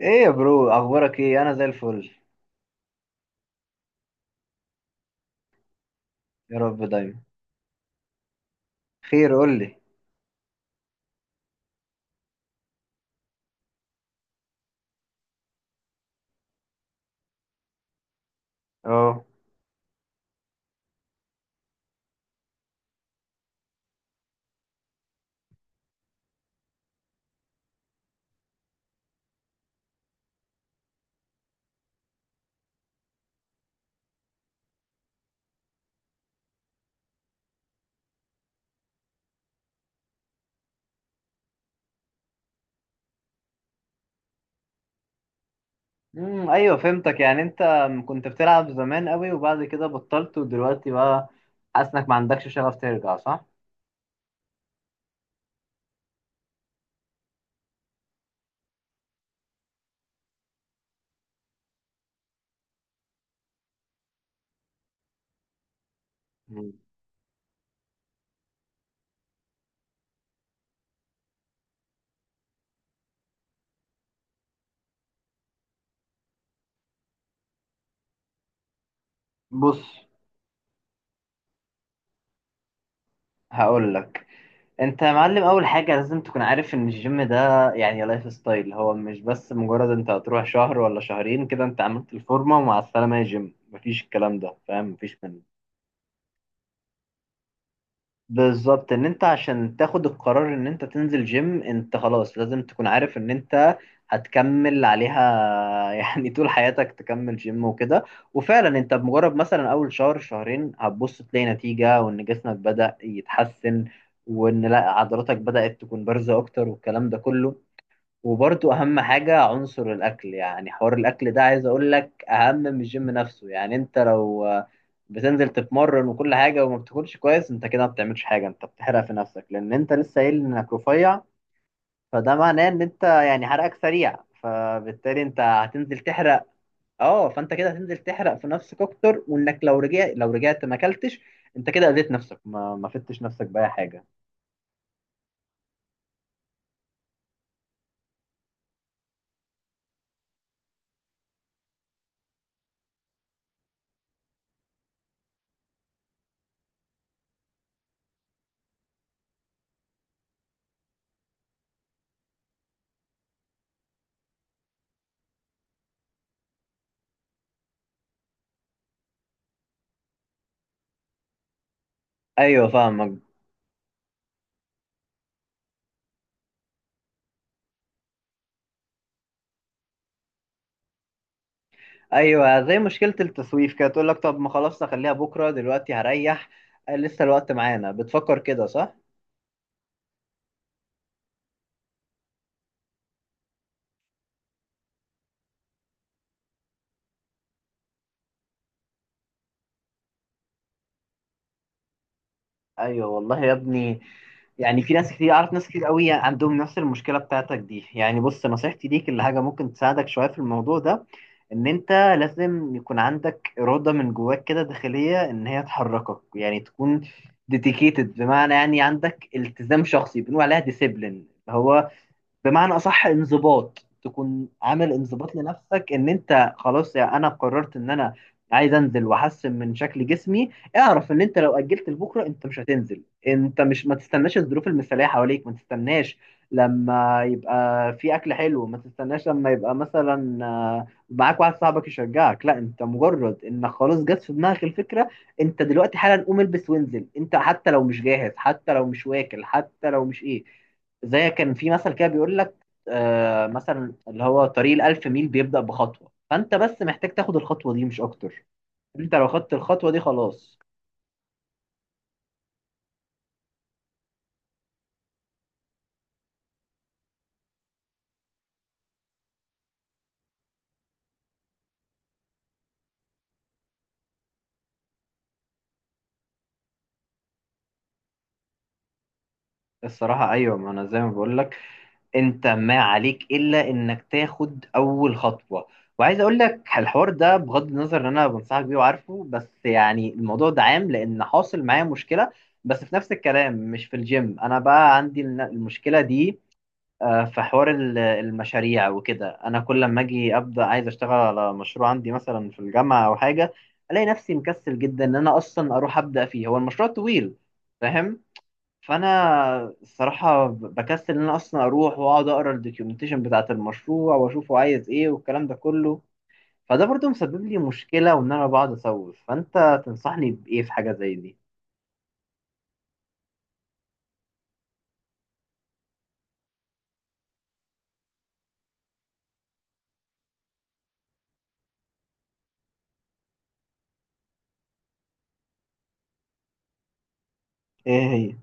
ايه يا برو، اخبارك ايه؟ انا زي الفل. يا رب دايما. خير، قول لي. اه. ايوه فهمتك. يعني انت كنت بتلعب زمان قوي وبعد كده بطلت ودلوقتي بقى حاسس انك ما عندكش شغف ترجع، صح؟ مم. بص هقول لك، انت يا معلم اول حاجه لازم تكون عارف ان الجيم ده يعني لايف ستايل. هو مش بس مجرد انت هتروح شهر ولا شهرين كده انت عملت الفورمه ومع السلامه يا جيم. مفيش الكلام ده، فاهم؟ مفيش منه. بالظبط، ان انت عشان تاخد القرار ان انت تنزل جيم انت خلاص لازم تكون عارف ان انت هتكمل عليها. يعني طول حياتك تكمل جيم وكده. وفعلا انت بمجرد مثلا اول شهر شهرين هتبص تلاقي نتيجة وان جسمك بدأ يتحسن وان لا عضلاتك بدأت تكون بارزة اكتر والكلام ده كله. وبرضو اهم حاجة عنصر الاكل. يعني حوار الاكل ده عايز اقول لك اهم من الجيم نفسه. يعني انت لو بتنزل تتمرن وكل حاجة وما بتاكلش كويس انت كده ما بتعملش حاجة. انت بتحرق في نفسك لان انت لسه قايل انك رفيع. فده معناه ان انت يعني حرقك سريع. فبالتالي انت هتنزل تحرق. اه، فانت كده هتنزل تحرق في نفسك اكتر. وانك لو رجعت ما اكلتش انت كده اذيت نفسك، ما فدتش نفسك باي حاجة. ايوه فاهمك. ايوه زي مشكله التسويف كده، تقول لك طب ما خلاص نخليها بكره دلوقتي هريح. لسه الوقت معانا، بتفكر كده صح؟ ايوه والله يا ابني. يعني في ناس كتير، اعرف ناس كتير قوي عندهم نفس المشكله بتاعتك دي. يعني بص نصيحتي ليك اللي حاجه ممكن تساعدك شويه في الموضوع ده، ان انت لازم يكون عندك اراده من جواك كده داخليه ان هي تحركك. يعني تكون ديديكيتد، بمعنى يعني عندك التزام شخصي بنقول عليها ديسيبلين. هو بمعنى اصح انضباط، تكون عامل انضباط لنفسك ان انت خلاص يا انا قررت ان انا عايز انزل واحسن من شكل جسمي. اعرف ان انت لو اجلت لبكره انت مش هتنزل. انت مش ما تستناش الظروف المثاليه حواليك. ما تستناش لما يبقى في اكل حلو. ما تستناش لما يبقى مثلا معاك واحد صاحبك يشجعك. لا، انت مجرد انك خلاص جت في دماغك الفكره، انت دلوقتي حالا قوم البس وانزل. انت حتى لو مش جاهز حتى لو مش واكل حتى لو مش ايه، زي كان في مثل كده بيقول لك آه مثلا، اللي هو طريق الألف ميل بيبدأ بخطوة. فأنت بس محتاج تاخد الخطوة دي، مش أكتر. أنت لو خدت الخطوة دي خلاص. الصراحة أيوة، ما أنا زي ما بقول لك أنت ما عليك إلا إنك تاخد أول خطوة. وعايز أقول لك الحوار ده، بغض النظر إن أنا بنصحك بيه وعارفه، بس يعني الموضوع ده عام لأن حاصل معايا مشكلة بس في نفس الكلام، مش في الجيم. أنا بقى عندي المشكلة دي. في حوار المشاريع وكده، انا كل لما اجي ابدا عايز اشتغل على مشروع عندي مثلا في الجامعه او حاجه الاقي نفسي مكسل جدا ان انا اصلا اروح ابدا فيه. هو المشروع طويل، فاهم؟ فانا الصراحه بكسل ان انا اصلا اروح واقعد اقرا الدوكيومنتيشن بتاعه المشروع واشوفه عايز ايه والكلام ده كله. فده برضو مسبب لي مشكله وان انا بقعد اسوف. فانت تنصحني بايه في حاجه زي دي؟ ايه هي؟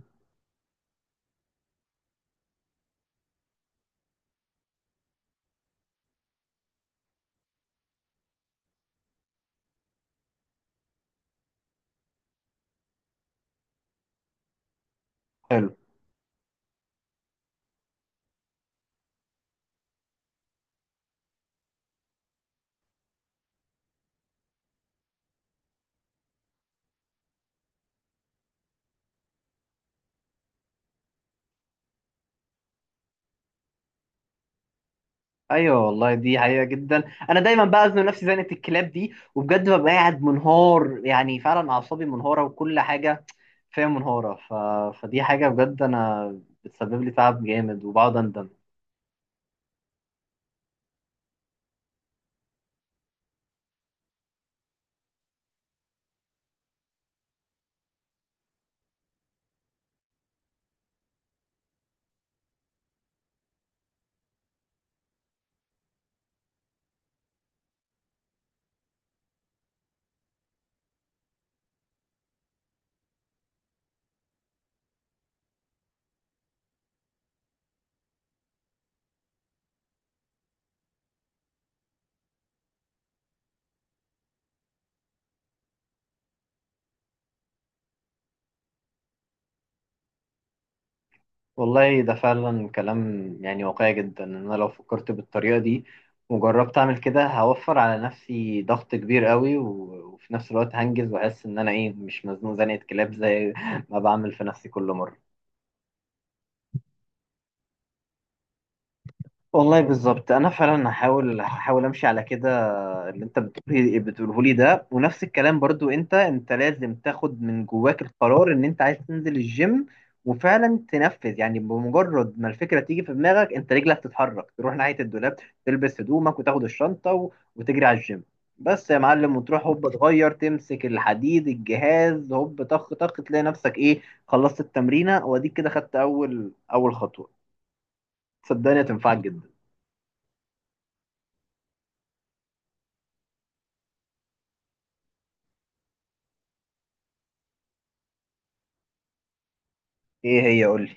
حلو. ايوه والله، دي حقيقه جدا. انا دايما بأذن نفسي زنقه الكلاب دي وبجد ببقى قاعد منهار. يعني فعلا اعصابي منهاره وكل حاجه فيها منهاره. فدي حاجه بجد انا بتسبب لي تعب جامد وبقعد اندم. والله ده فعلا كلام يعني واقعي جدا، ان انا لو فكرت بالطريقه دي وجربت اعمل كده هوفر على نفسي ضغط كبير قوي وفي نفس الوقت هنجز واحس ان انا ايه مش مزنوق زنقه كلاب زي ما بعمل في نفسي كل مره. والله بالظبط، انا فعلا هحاول امشي على كده اللي انت بتقوله لي ده. ونفس الكلام برضو، انت لازم تاخد من جواك القرار ان انت عايز تنزل الجيم وفعلا تنفذ. يعني بمجرد ما الفكره تيجي في دماغك انت رجلك تتحرك تروح ناحيه الدولاب، تلبس هدومك وتاخد الشنطه وتجري على الجيم. بس يا معلم، وتروح هوب تغير تمسك الحديد الجهاز هوب طخ طخ تلاقي نفسك ايه، خلصت التمرينه. واديك كده خدت اول خطوه. صدقني هتنفعك جدا. ايه هي؟ قول لي.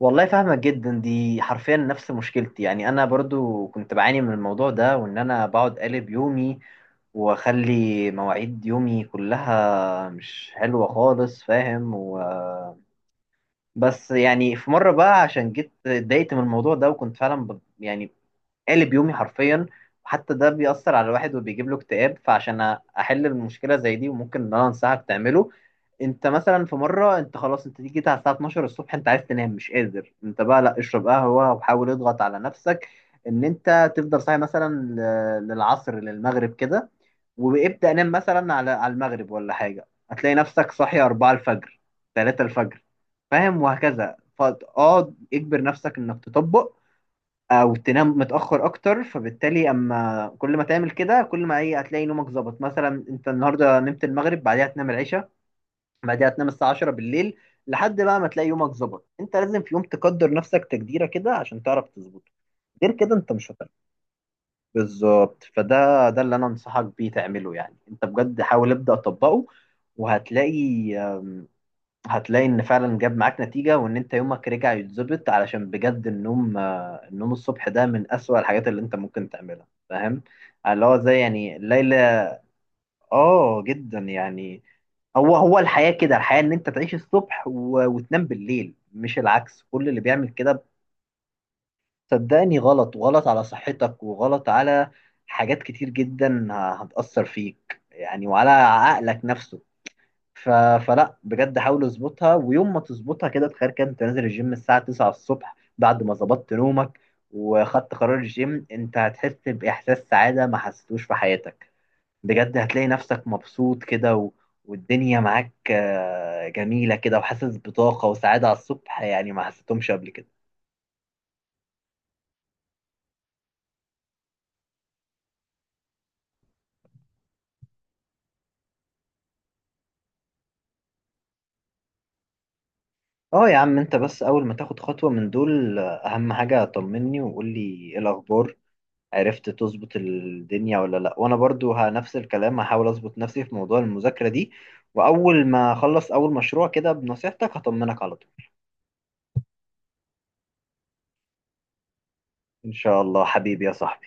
والله فاهمك جدا، دي حرفيا نفس مشكلتي. يعني انا برضو كنت بعاني من الموضوع ده وان انا بقعد قالب يومي واخلي مواعيد يومي كلها مش حلوة خالص، فاهم؟ و، بس يعني في مرة بقى عشان جيت اتضايقت من الموضوع ده وكنت فعلا يعني قالب يومي حرفيا. وحتى ده بيأثر على الواحد وبيجيب له اكتئاب. فعشان احل المشكله زي دي، وممكن ان انا انصحك تعمله، انت مثلا في مره انت خلاص انت دي جيت على الساعه 12 الصبح انت عايز تنام مش قادر، انت بقى لا اشرب قهوه وحاول اضغط على نفسك ان انت تفضل صاحي مثلا للعصر للمغرب كده. وابدأ نام مثلا على المغرب ولا حاجة، هتلاقي نفسك صاحي 4 الفجر، 3 الفجر، فاهم؟ وهكذا، فاقعد اجبر نفسك انك تطبق او تنام متاخر اكتر. فبالتالي اما كل ما تعمل كده كل ما ايه هتلاقي نومك ظبط. مثلا انت النهارده نمت المغرب، بعدها تنام العشاء، بعدها تنام الساعه 10 بالليل، لحد بقى ما تلاقي يومك ظبط. انت لازم في يوم تقدر نفسك تقديره كده عشان تعرف تظبطه. غير كده انت مش هتعرف. بالظبط. فده اللي انا انصحك بيه تعمله. يعني انت بجد حاول ابدا اطبقه وهتلاقي آمم، هتلاقي ان فعلا جاب معاك نتيجة وان انت يومك رجع يتظبط. علشان بجد النوم النوم الصبح ده من اسوأ الحاجات اللي انت ممكن تعملها، فاهم؟ اللي هو زي يعني ليلى. اه جدا يعني. هو هو الحياة كده. الحياة ان انت تعيش الصبح وتنام بالليل، مش العكس. كل اللي بيعمل كده صدقني غلط، وغلط على صحتك وغلط على حاجات كتير جدا هتأثر فيك، يعني وعلى عقلك نفسه. ف... فلا بجد حاول اظبطها. ويوم ما تظبطها كده تخيل كده انت نازل الجيم الساعة 9 الصبح بعد ما ظبطت نومك وخدت قرار الجيم، انت هتحس بإحساس سعادة ما حسيتوش في حياتك. بجد هتلاقي نفسك مبسوط كده والدنيا معاك جميلة كده وحاسس بطاقة وسعادة على الصبح، يعني ما حسيتهمش قبل كده. اه يا عم، انت بس اول ما تاخد خطوة من دول اهم حاجة طمني وقول لي ايه الاخبار، عرفت تظبط الدنيا ولا لا. وانا برضو نفس الكلام هحاول اظبط نفسي في موضوع المذاكرة دي. واول ما اخلص اول مشروع كده بنصيحتك هطمنك على طول. ان شاء الله حبيبي يا صاحبي.